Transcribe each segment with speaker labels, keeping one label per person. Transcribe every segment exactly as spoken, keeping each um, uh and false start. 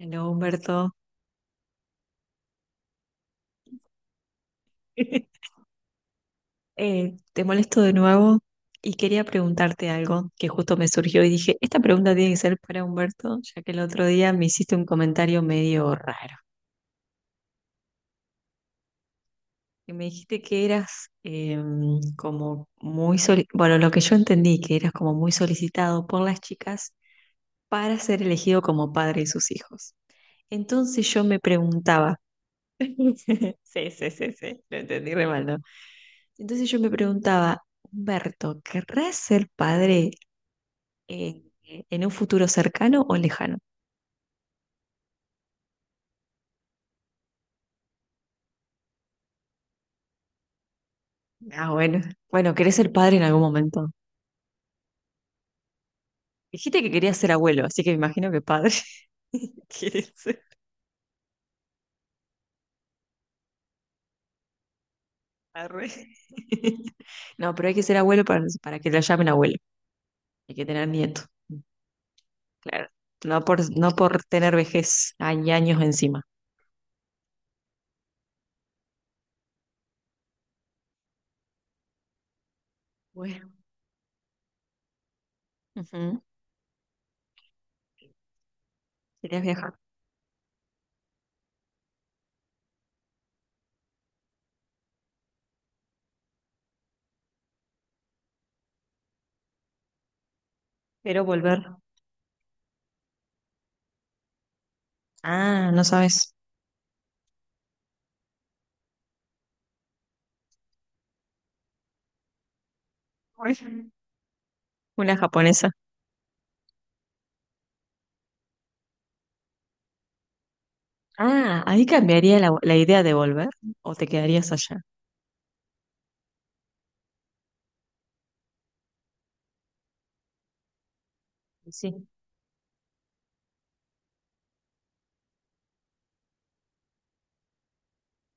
Speaker 1: Hola Humberto, Eh, te molesto de nuevo y quería preguntarte algo que justo me surgió y dije, esta pregunta tiene que ser para Humberto, ya que el otro día me hiciste un comentario medio raro. Que me dijiste que eras em, como muy, soli- bueno, lo que yo entendí, que eras como muy solicitado por las chicas para ser elegido como padre de sus hijos. Entonces yo me preguntaba, sí, sí, sí, sí, lo entendí re mal, ¿no? Entonces yo me preguntaba, Humberto, ¿querrás ser padre en, en un futuro cercano o lejano? Ah, bueno. Bueno, querés ser padre en algún momento. Dijiste que querías ser abuelo, así que me imagino que padre quieres ser. Arre. No, pero hay que ser abuelo para, para que lo llamen abuelo. Hay que tener nieto. Claro. No por, no por tener vejez, hay años encima. Bueno. Ujú. Querías viajar, pero volver. Ah, no sabes. Bueno. Una japonesa. Ah, ahí cambiaría la, la idea de volver, o te quedarías allá. Sí,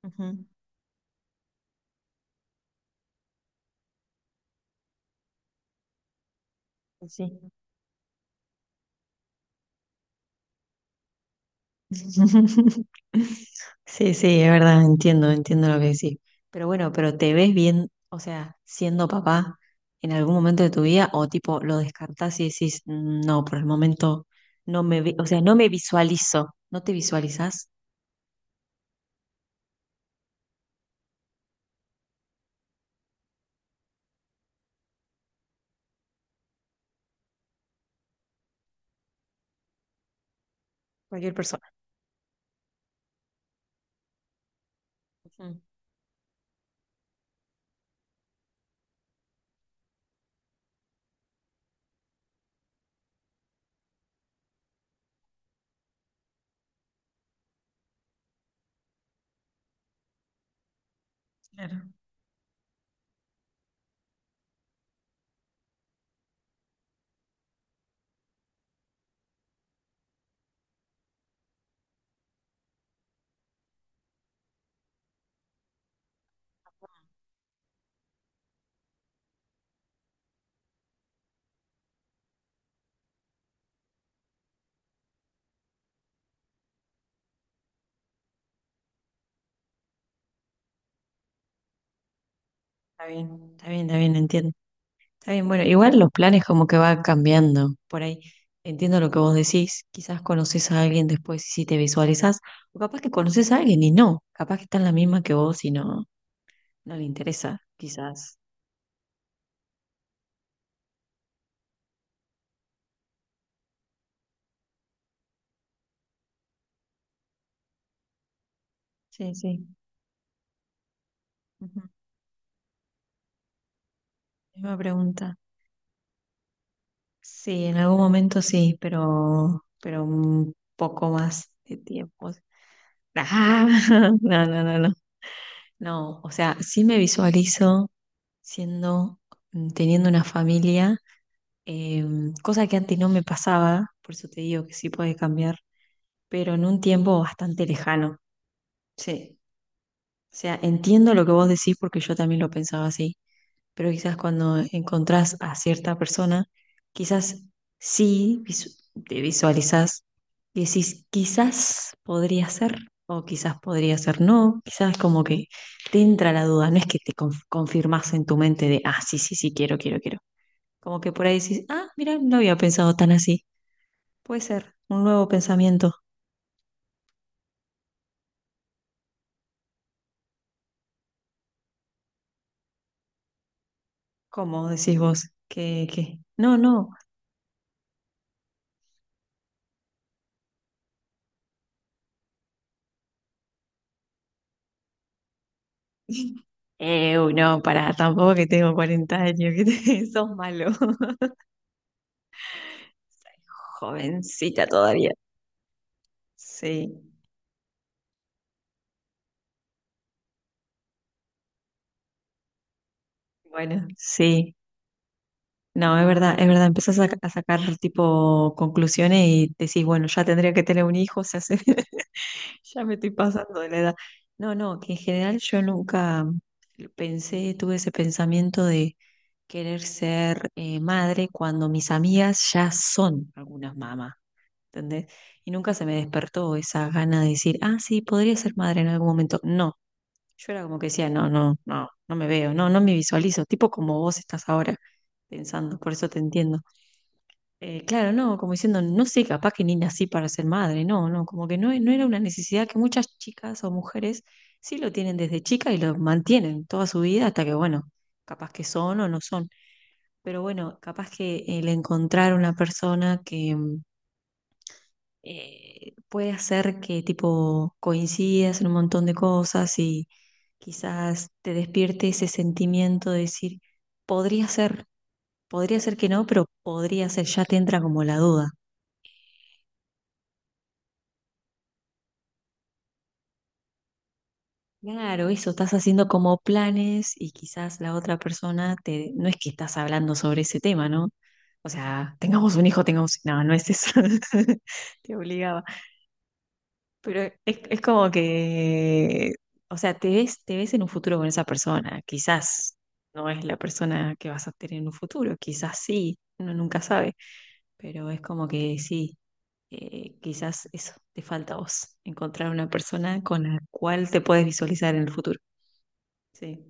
Speaker 1: ujú, sí. Sí, sí, es verdad, entiendo, entiendo lo que decís. Pero bueno, pero te ves bien, o sea, siendo papá en algún momento de tu vida, o tipo lo descartás y decís, "Mm, no, por el momento no me, vi- o sea, no me visualizo, no te visualizás". Cualquier persona. Ujú. Claro. Está bien, está bien, está bien, entiendo. Está bien, bueno, igual los planes como que va cambiando por ahí. Entiendo lo que vos decís, quizás conoces a alguien después y si te visualizás, o capaz que conoces a alguien y no, capaz que está en la misma que vos y no, no le interesa, quizás. Sí, sí. Ujú, misma pregunta. Sí, en algún momento sí, pero, pero un poco más de tiempo. Ah, no, no, no, no. No, o sea, sí me visualizo siendo, teniendo una familia, em, cosa que antes no me pasaba, por eso te digo que sí puede cambiar, pero en un tiempo bastante lejano. Sí. O sea, entiendo lo que vos decís porque yo también lo pensaba así, pero quizás cuando encontrás a cierta persona, quizás sí visu- te visualizás y decís, quizás podría ser, o quizás podría ser no, quizás como que te entra la duda, no es que te conf- confirmás en tu mente de, ah, sí, sí, sí, quiero, quiero, quiero. Como que por ahí decís, ah, mira, no había pensado tan así. Puede ser un nuevo pensamiento. ¿Cómo decís vos? Que, que, no, no. Eh, uy, no, pará, tampoco que tengo cuarenta años, que te- sos malo. Jovencita todavía. Sí, bueno, sí. No, es verdad, es verdad. Empezás a, a sacar tipo conclusiones y decís, bueno, ya tendría que tener un hijo, se hace. Ya me estoy pasando de la edad. No, no, que en general yo nunca pensé, tuve ese pensamiento de querer ser eh, madre, cuando mis amigas ya son algunas mamás, ¿entendés? Y nunca se me despertó esa gana de decir, ah, sí, podría ser madre en algún momento. No, yo era como que decía, no, no, no, no me veo, no, no me visualizo, tipo como vos estás ahora pensando, por eso te entiendo. Eh, claro, no, como diciendo, no sé, capaz que ni nací para ser madre, no, no, como que no, no era una necesidad que muchas chicas o mujeres sí lo tienen desde chica y lo mantienen toda su vida hasta que, bueno, capaz que son o no son. Pero bueno, capaz que el encontrar una persona que mm, eh, puede hacer que tipo coincidas en un montón de cosas y quizás te despierte ese sentimiento de decir, podría ser, podría ser que no, pero podría ser, ya te entra como la duda. Claro, eso, estás haciendo como planes y quizás la otra persona te, no es que estás hablando sobre ese tema, ¿no? O sea, tengamos un hijo, tengamos, no, no es eso, te obligaba. Pero es, es como que, o sea, te ves, te ves en un futuro con esa persona, quizás no es la persona que vas a tener en un futuro, quizás sí, uno nunca sabe, pero es como que sí, eh, quizás eso, te falta a vos, encontrar una persona con la cual te puedes visualizar en el futuro. Sí.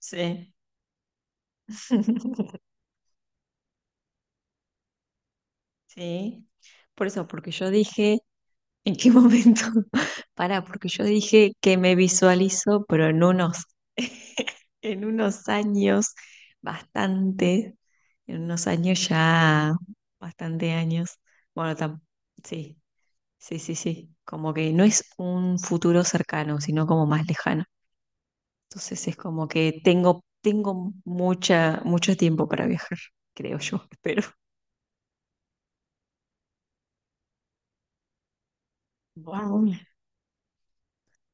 Speaker 1: Sí. Sí. Por eso, porque yo dije, ¿en qué momento? Pará, porque yo dije que me visualizo, pero en unos, en unos años, bastante, en unos años ya, bastante años. Bueno, tam- sí, sí, sí, sí. Como que no es un futuro cercano, sino como más lejano. Entonces es como que tengo, tengo mucha, mucho tiempo para viajar, creo yo, espero. Wow.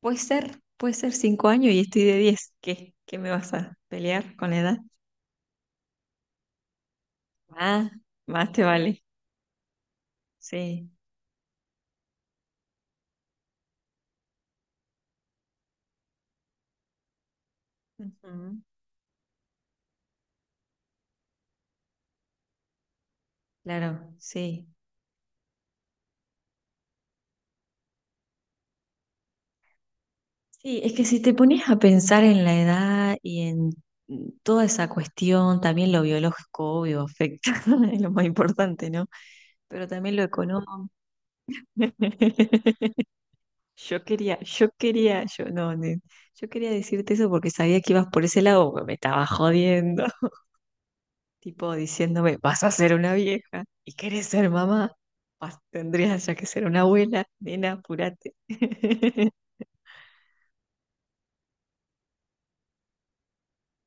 Speaker 1: Puede ser, puede ser cinco años y estoy de diez. ¿Qué? ¿Qué me vas a pelear con la edad? Ah, más te vale. Sí. Ujú. Claro, sí. Sí, es que si te pones a pensar en la edad y en toda esa cuestión, también lo biológico, obvio, afecta, es lo más importante, ¿no? Pero también lo económico. Yo quería, yo quería, yo no, ne- yo quería decirte eso porque sabía que ibas por ese lado, pero me estaba jodiendo, tipo diciéndome, vas a ser una vieja y querés ser mamá, vas- tendrías ya que ser una abuela, nena, apurate.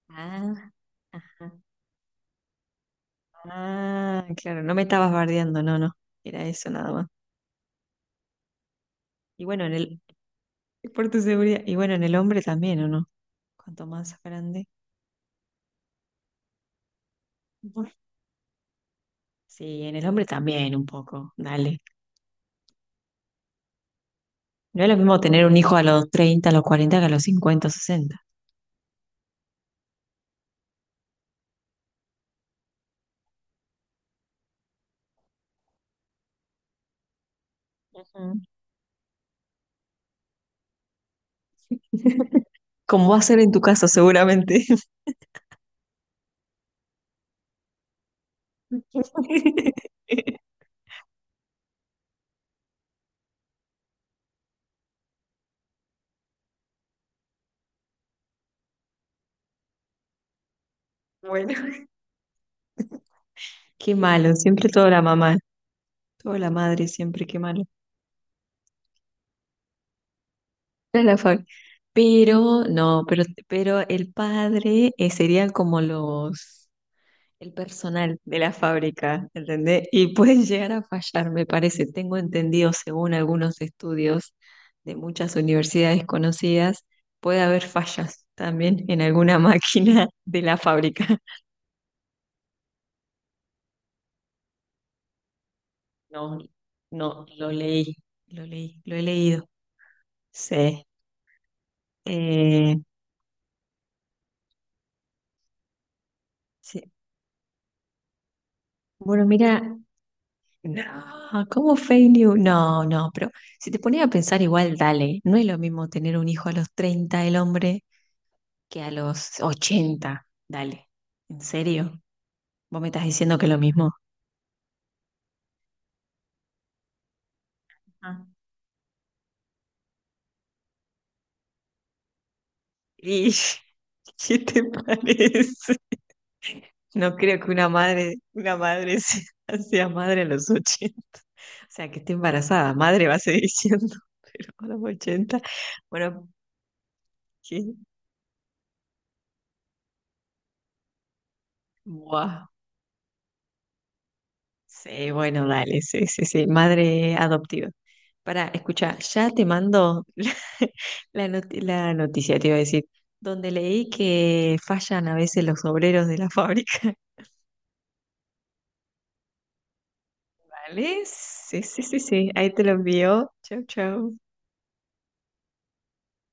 Speaker 1: Ah, ajá. Ah, claro, no me estabas bardeando, no, no, era eso nada más. Y bueno, en el, por tu seguridad, y bueno, en el hombre también, ¿o no? Cuanto más grande. Bueno, sí, en el hombre también un poco, dale. No es lo mismo tener un hijo a los treinta, a los cuarenta, que a los cincuenta, sesenta. Ujú. Como va a ser en tu caso, seguramente. Bueno, qué malo, siempre toda la mamá, toda la madre, siempre qué malo. No es la fac. Pero, no, pero, pero el padre, eh, sería como los, el personal de la fábrica, ¿entendés? Y puede llegar a fallar, me parece. Tengo entendido, según algunos estudios de muchas universidades conocidas, puede haber fallas también en alguna máquina de la fábrica. No, no, lo leí, lo leí, lo he leído. Sí. Eh, sí. Bueno, mira, no, ¿cómo fail you? No, no, pero si te pones a pensar igual, dale, no es lo mismo tener un hijo a los treinta el hombre, que a los ochenta, dale, ¿en serio? ¿Vos me estás diciendo que es lo mismo? Ajá. ¿Y qué te parece? No creo que una madre, una madre sea, sea madre a los ochenta, o sea, que esté embarazada, madre va a seguir diciendo, pero a los ochenta, bueno, ¿qué? Buah. Sí, bueno, dale, sí, sí, sí, madre adoptiva. Para, escucha, ya te mando la, la noti- la noticia, te iba a decir, donde leí que fallan a veces los obreros de la fábrica. ¿Vale? Sí, sí, sí, sí, ahí te lo envío. Chau, chau.